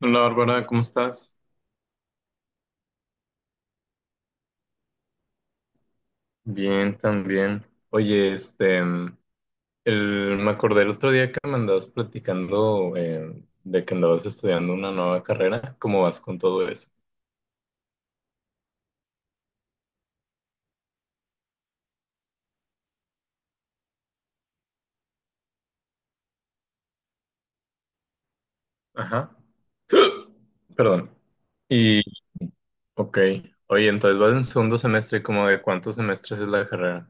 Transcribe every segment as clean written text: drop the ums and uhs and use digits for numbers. Hola Bárbara, ¿cómo estás? Bien, también. Oye, me acordé el otro día que me andabas platicando de que andabas estudiando una nueva carrera. ¿Cómo vas con todo eso? Ajá, perdón. Y, ok, oye, entonces vas en segundo semestre, ¿cómo de cuántos semestres es la carrera?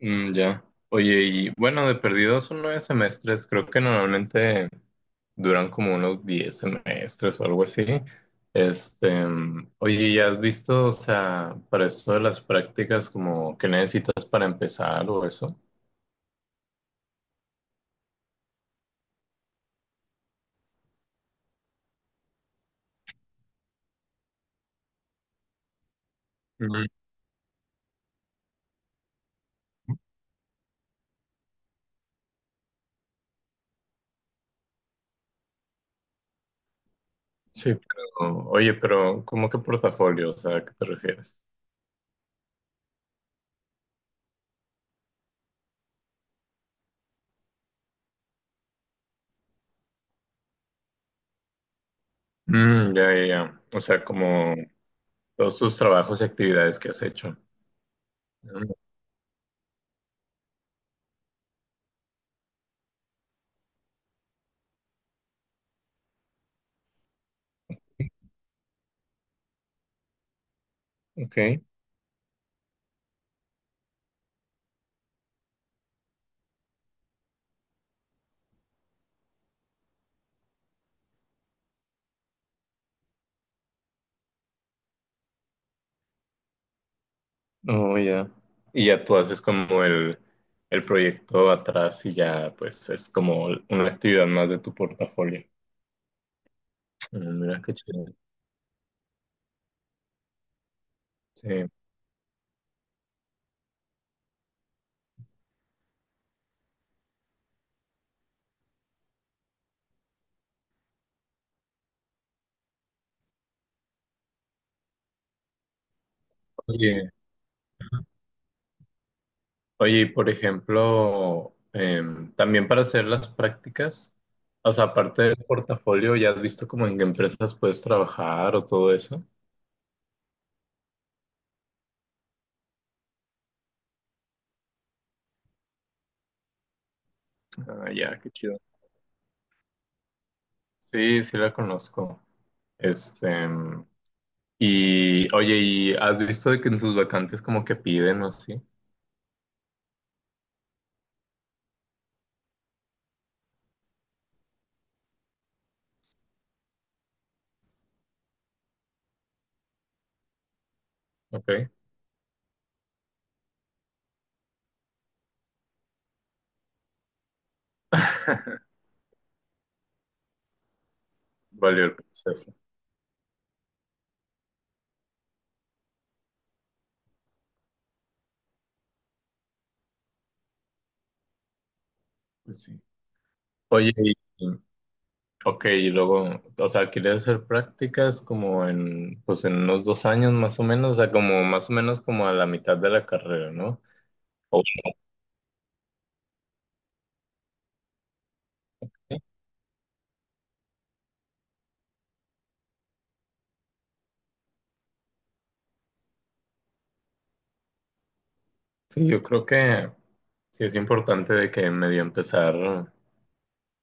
Mm, ya. Oye, y bueno, de perdido son nueve semestres. Creo que normalmente duran como unos diez semestres o algo así. Oye, ¿ya has visto, o sea, para esto de las prácticas, como qué necesitas para empezar o eso? Mm. Sí, pero, oye, pero ¿cómo que portafolio? O sea, ¿a qué te refieres? Mm, ya, ya, ya. O sea, como todos tus trabajos y actividades que has hecho. Mm. Ok. Oh, ya. Y ya tú haces como el proyecto atrás y ya pues es como una actividad más de tu portafolio. Mm, mira qué chido. Sí. Oye, oye, y por ejemplo, también para hacer las prácticas, o sea, aparte del portafolio, ¿ya has visto como en qué empresas puedes trabajar o todo eso? Ah, ya, qué chido. Sí, sí la conozco. Este, em, y oye, ¿y has visto de que en sus vacantes como que piden o así? Ok. Valió el proceso. Pues sí. Oye, y, ok, y luego, o sea, quería hacer prácticas como pues en unos dos años más o menos, o sea, como más o menos como a la mitad de la carrera, ¿no? O- sí, yo creo que sí es importante de que medio empezar,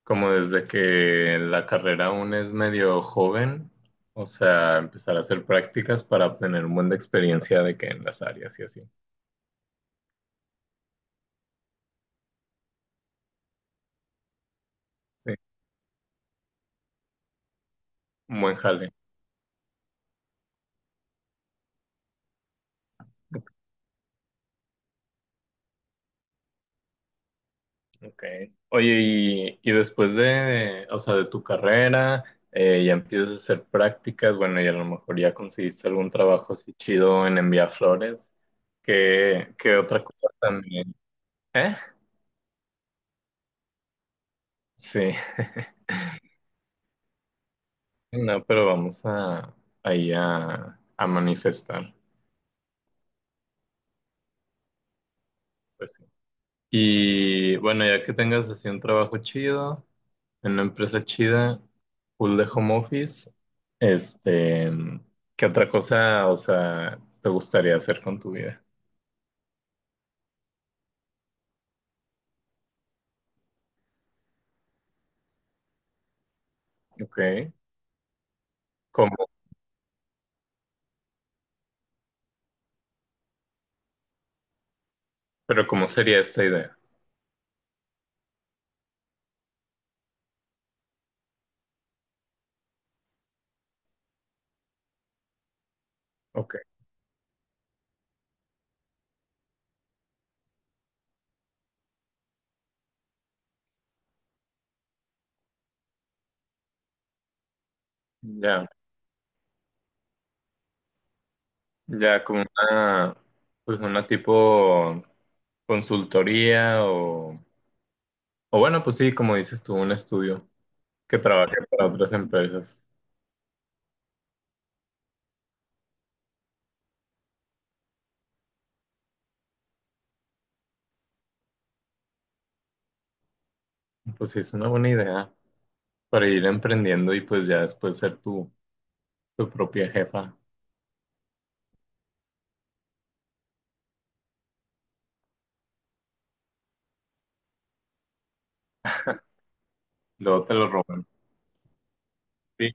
como desde que la carrera aún es medio joven, o sea, empezar a hacer prácticas para obtener un buen de experiencia de que en las áreas y así. Sí, un buen jale. Okay. Oye, y después de, o sea, de tu carrera, ya empiezas a hacer prácticas, bueno, y a lo mejor ya conseguiste algún trabajo así chido en enviar flores. ¿Qué otra cosa también? ¿Eh? Sí, no, pero vamos a ahí a manifestar, pues sí. Y bueno, ya que tengas así un trabajo chido, en una empresa chida, full de home office. Este, ¿qué otra cosa, o sea, te gustaría hacer con tu vida? Ok. ¿Cómo? Pero ¿cómo sería esta idea? Ok. Ya, ya como una, pues una tipo consultoría o bueno, pues sí, como dices tú, un estudio que trabaje para otras empresas. Pues sí, es una buena idea para ir emprendiendo y pues ya después ser tu propia jefa. Luego te lo roban. Sí,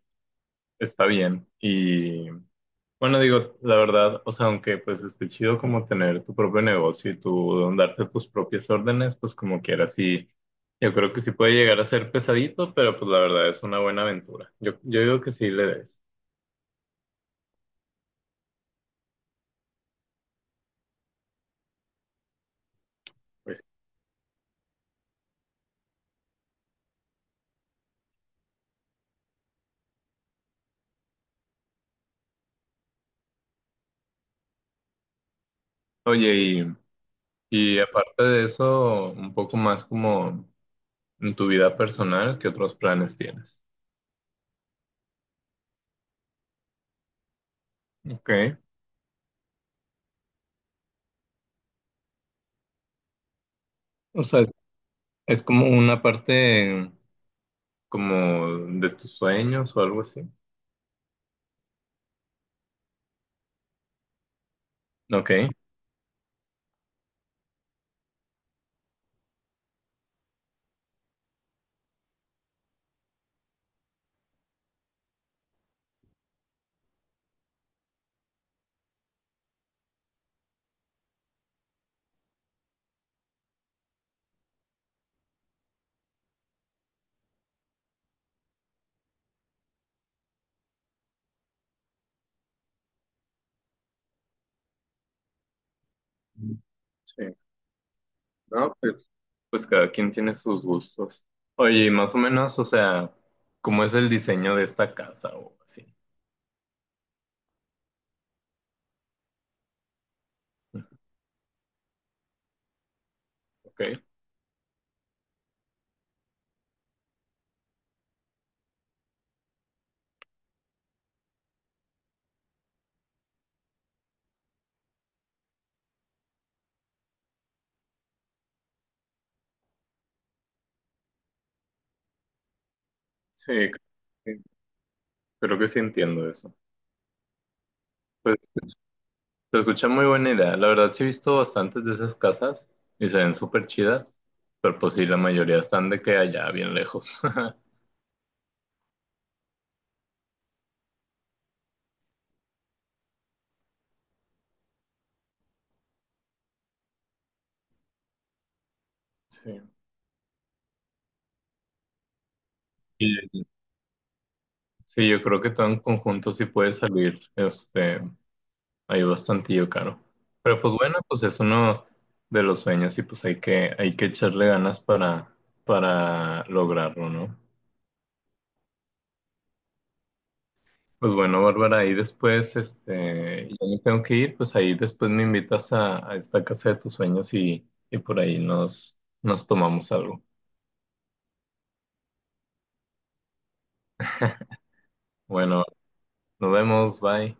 está bien. Y bueno, digo, la verdad, o sea, aunque pues esté chido como tener tu propio negocio y tú darte tus propias órdenes, pues como quieras, sí, yo creo que sí puede llegar a ser pesadito, pero pues la verdad es una buena aventura. Yo digo que sí le des. Pues, oye, y aparte de eso, un poco más como en tu vida personal, ¿qué otros planes tienes? Okay. O sea, es como una parte como de tus sueños o algo así. Ok. Sí, no, pues, pues cada quien tiene sus gustos. Oye, y más o menos, o sea, ¿cómo es el diseño de esta casa o así? ¿Ok? Sí, que creo que sí entiendo eso. Pues se escucha muy buena idea. La verdad sí he visto bastantes de esas casas y se ven súper chidas, pero pues sí, la mayoría están de que allá, bien lejos. Sí. Y- sí, yo creo que todo en conjunto sí puede salir, este, hay bastantillo caro. Pero pues bueno, pues es uno de los sueños y pues hay que echarle ganas para lograrlo, ¿no? Pues bueno, Bárbara, ahí después, este, yo me tengo que ir, pues ahí después me invitas a esta casa de tus sueños y por ahí nos tomamos algo. Bueno, nos vemos, bye.